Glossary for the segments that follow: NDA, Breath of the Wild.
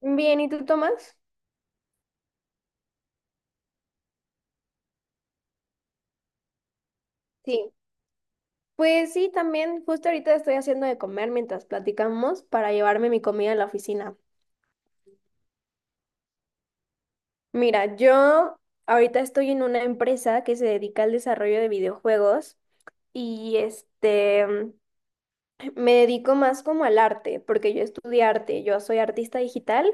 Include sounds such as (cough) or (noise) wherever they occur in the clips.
Bien, ¿y tú, Tomás? Sí. Pues sí, también justo ahorita estoy haciendo de comer mientras platicamos para llevarme mi comida a la oficina. Mira, yo ahorita estoy en una empresa que se dedica al desarrollo de videojuegos y (clears throat) me dedico más como al arte, porque yo estudié arte, yo soy artista digital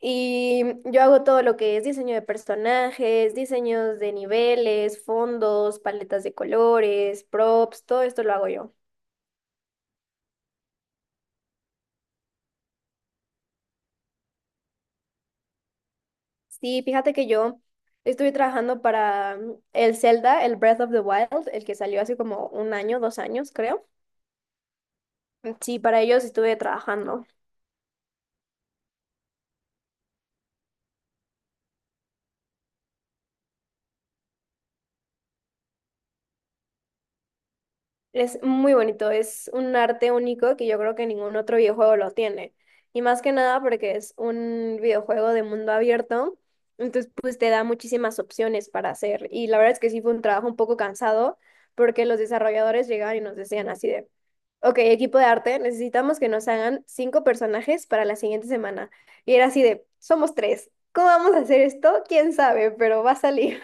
y yo hago todo lo que es diseño de personajes, diseños de niveles, fondos, paletas de colores, props, todo esto lo hago yo. Sí, fíjate que yo estuve trabajando para el Zelda, el Breath of the Wild, el que salió hace como un año, 2 años, creo. Sí, para ellos estuve trabajando. Es muy bonito, es un arte único que yo creo que ningún otro videojuego lo tiene. Y más que nada porque es un videojuego de mundo abierto, entonces pues te da muchísimas opciones para hacer. Y la verdad es que sí fue un trabajo un poco cansado porque los desarrolladores llegaban y nos decían así de, ok, equipo de arte, necesitamos que nos hagan cinco personajes para la siguiente semana. Y era así de, somos tres, ¿cómo vamos a hacer esto? ¿Quién sabe? Pero va a salir.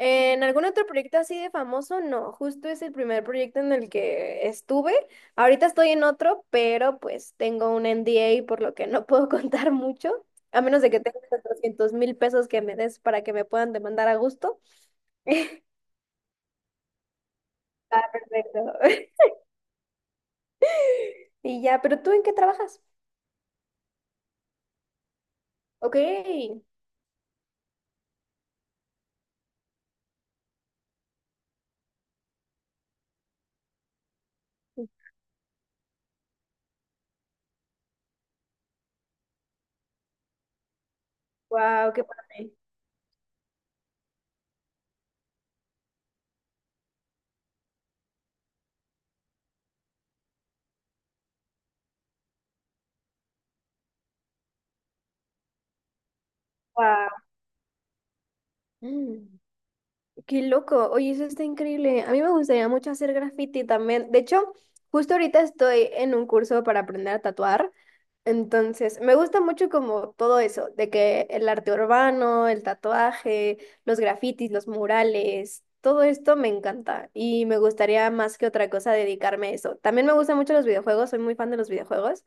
En algún otro proyecto así de famoso, no, justo es el primer proyecto en el que estuve. Ahorita estoy en otro, pero pues tengo un NDA por lo que no puedo (laughs) contar mucho, a menos de que tengas 400 mil pesos que me des para que me puedan demandar a gusto. (laughs) Ah, perfecto. (laughs) Y ya, pero ¿tú en qué trabajas? Ok, wow, qué padre. Wow. Qué loco, oye, eso está increíble. A mí me gustaría mucho hacer graffiti también. De hecho, justo ahorita estoy en un curso para aprender a tatuar. Entonces, me gusta mucho como todo eso, de que el arte urbano, el tatuaje, los grafitis, los murales, todo esto me encanta y me gustaría más que otra cosa dedicarme a eso. También me gustan mucho los videojuegos, soy muy fan de los videojuegos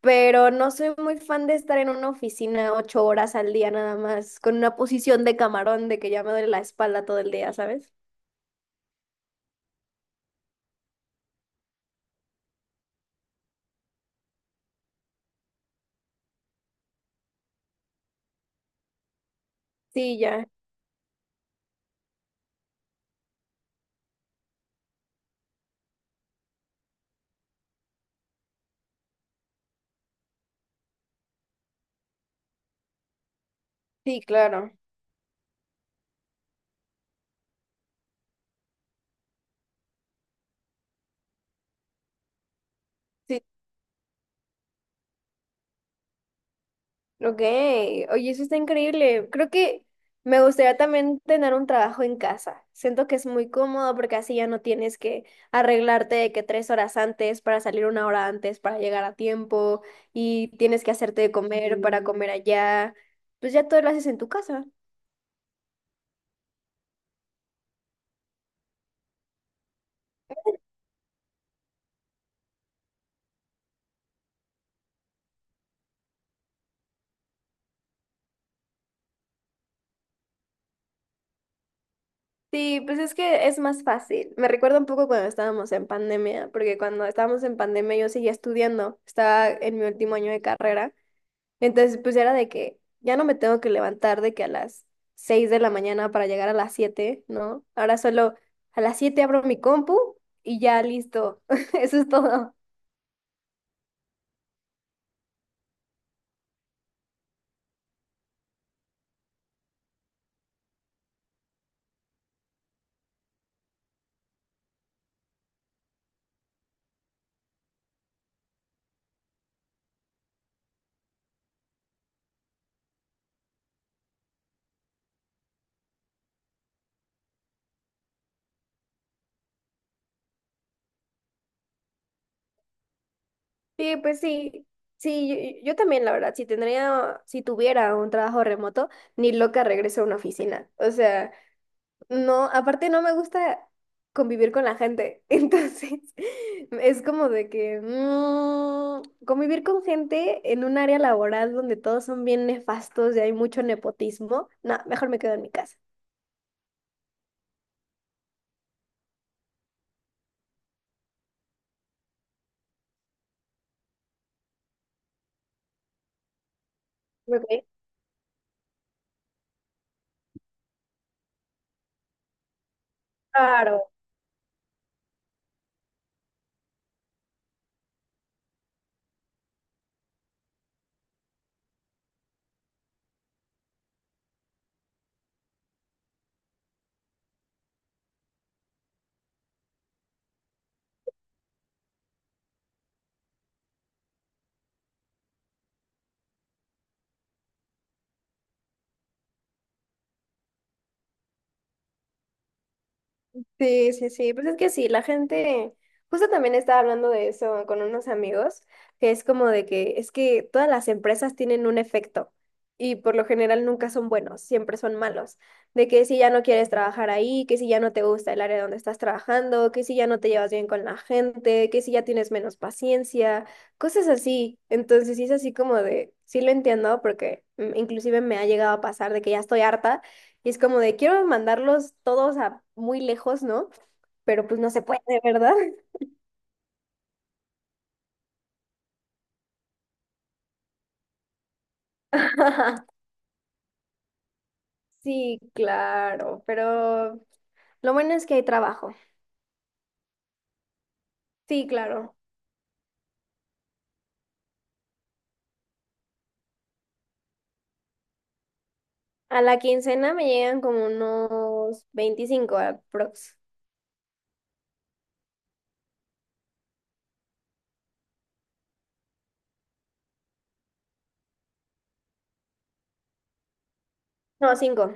pero no soy muy fan de estar en una oficina 8 horas al día nada más, con una posición de camarón de que ya me duele la espalda todo el día, ¿sabes? Sí, ya. Sí, claro. Sí. Ok. Oye, eso está increíble. Creo que me gustaría también tener un trabajo en casa. Siento que es muy cómodo porque así ya no tienes que arreglarte de que 3 horas antes para salir una hora antes para llegar a tiempo y tienes que hacerte de comer para comer allá. Pues ya todo lo haces en tu casa. Sí, pues es que es más fácil. Me recuerda un poco cuando estábamos en pandemia, porque cuando estábamos en pandemia yo seguía estudiando, estaba en mi último año de carrera, entonces pues era de que ya no me tengo que levantar de que a las 6 de la mañana para llegar a las 7, ¿no? Ahora solo a las 7 abro mi compu y ya listo, (laughs) eso es todo. Sí, pues sí, sí, yo también la verdad, si tendría, si tuviera un trabajo remoto, ni loca regreso a una oficina, o sea... No, aparte no me gusta convivir con la gente. (laughs) Entonces, es como de que convivir con gente en un área laboral donde todos son bien nefastos y hay mucho nepotismo, no, mejor me quedo en mi casa. Ok. Claro. Sí, sí, sí, pues es que sí, la gente, justo también estaba hablando de eso con unos amigos, que es como de que es que todas las empresas tienen un efecto y por lo general nunca son buenos, siempre son malos, de que si ya no quieres trabajar ahí, que si ya no te gusta el área donde estás trabajando, que si ya no te llevas bien con la gente, que si ya tienes menos paciencia, cosas así. Entonces sí es así como de, sí lo entiendo porque inclusive me ha llegado a pasar de que ya estoy harta y es como de, quiero mandarlos todos a muy lejos, ¿no? Pero pues no se puede, ¿verdad? (laughs) Sí, claro, pero lo bueno es que hay trabajo. Sí, claro. A la quincena me llegan como unos 25 aprox. No, cinco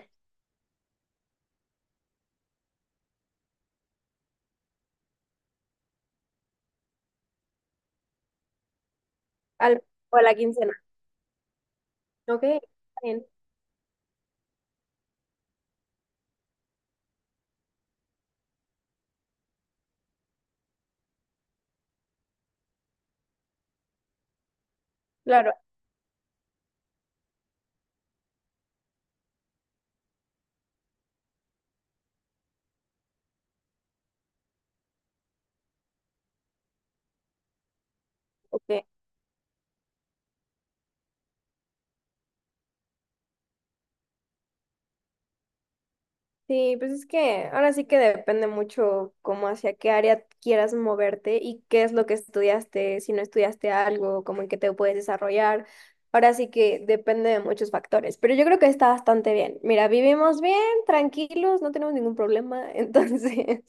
al, o a la quincena. Ok, está bien, claro, ok. Sí, pues es que ahora sí que depende mucho como hacia qué área quieras moverte y qué es lo que estudiaste, si no estudiaste algo, como en qué te puedes desarrollar. Ahora sí que depende de muchos factores, pero yo creo que está bastante bien. Mira, vivimos bien, tranquilos, no tenemos ningún problema, (laughs) entonces.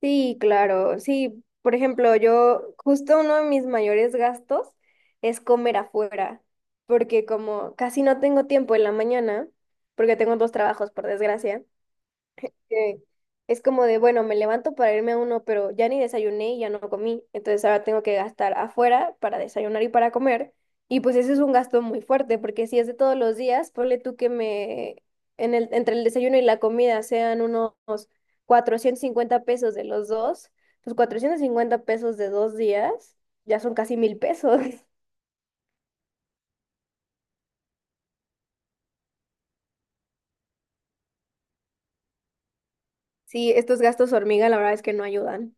Sí, claro, sí. Por ejemplo, yo justo uno de mis mayores gastos es comer afuera, porque como casi no tengo tiempo en la mañana, porque tengo dos trabajos, por desgracia. Que es como de, bueno, me levanto para irme a uno, pero ya ni desayuné y ya no comí, entonces ahora tengo que gastar afuera para desayunar y para comer, y pues ese es un gasto muy fuerte, porque si es de todos los días, ponle tú que me, en el, entre el desayuno y la comida sean unos 450 pesos de los dos, pues 450 pesos de 2 días ya son casi 1.000 pesos. (laughs) Sí, estos gastos hormiga la verdad es que no ayudan.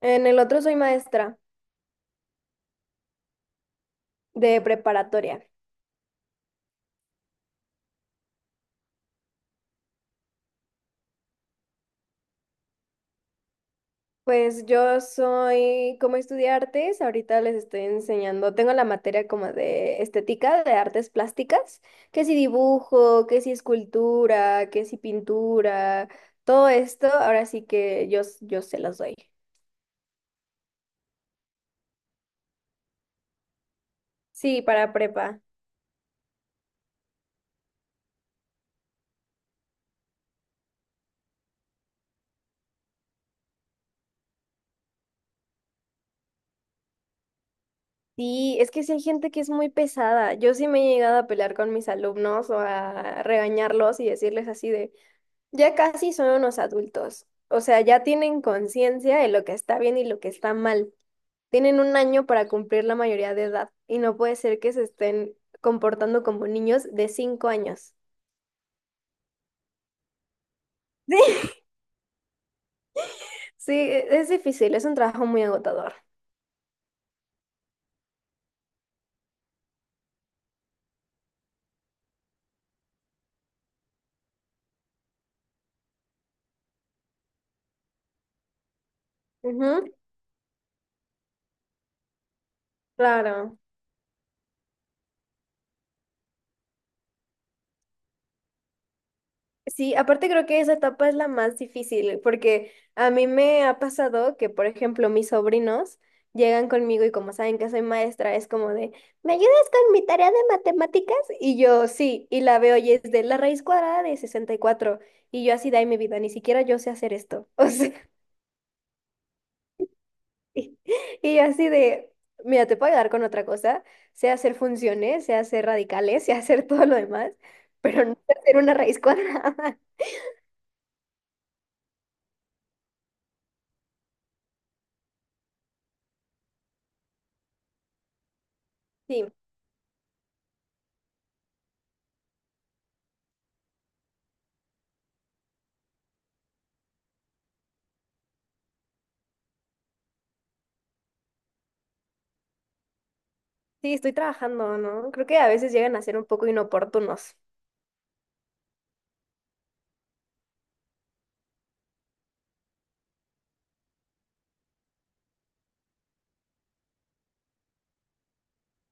En el otro soy maestra de preparatoria. Pues yo soy, como estudié artes, ahorita les estoy enseñando, tengo la materia como de estética, de artes plásticas, que si dibujo, que si escultura, que si pintura, todo esto, ahora sí que yo, yo se los doy. Sí, para prepa. Sí, es que sí hay gente que es muy pesada. Yo sí me he llegado a pelear con mis alumnos o a regañarlos y decirles así de, ya casi son unos adultos. O sea, ya tienen conciencia de lo que está bien y lo que está mal. Tienen un año para cumplir la mayoría de edad y no puede ser que se estén comportando como niños de 5 años. Sí. (laughs) Sí, es difícil, es un trabajo muy agotador. Ujú, claro. Sí, aparte creo que esa etapa es la más difícil, porque a mí me ha pasado que, por ejemplo, mis sobrinos llegan conmigo y como saben que soy maestra, es como de, ¿me ayudas con mi tarea de matemáticas? Y yo, sí, y la veo y es de la raíz cuadrada de 64 y yo así, de ahí mi vida, ni siquiera yo sé hacer esto. (laughs) O sea, (laughs) Y y yo así de, mira, te puedo ayudar con otra cosa, sé hacer funciones, sé hacer radicales, sé hacer todo lo demás, pero no sé hacer una raíz cuadrada. (laughs) Sí, sí, estoy trabajando, ¿no? Creo que a veces llegan a ser un poco inoportunos.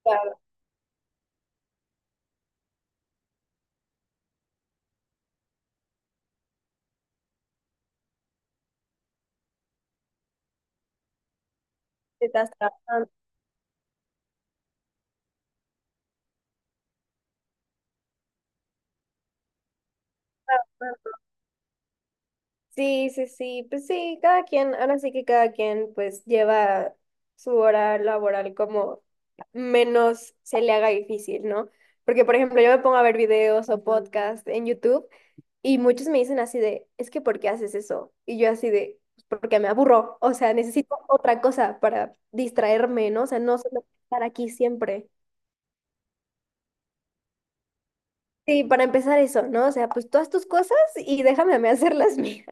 Claro, estás trabajando. Sí, sí, sí, pues sí, cada quien, ahora sí que cada quien pues lleva su hora laboral como menos se le haga difícil, ¿no? Porque, por ejemplo, yo me pongo a ver videos o podcasts en YouTube y muchos me dicen así de, es que ¿por qué haces eso? Y yo así de, "Pues porque me aburro, o sea, necesito otra cosa para distraerme, ¿no? O sea, no solo estar aquí siempre. Sí, para empezar eso, ¿no? O sea, pues todas tus cosas y déjame a mí hacer las (laughs) mías.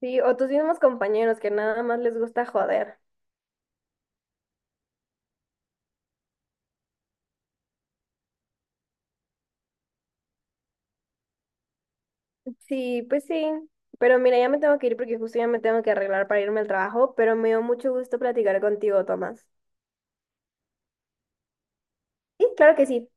Sí, o tus mismos compañeros que nada más les gusta joder. Sí, pues sí. Pero mira, ya me tengo que ir porque justo ya me tengo que arreglar para irme al trabajo, pero me dio mucho gusto platicar contigo, Tomás. Sí, claro que sí.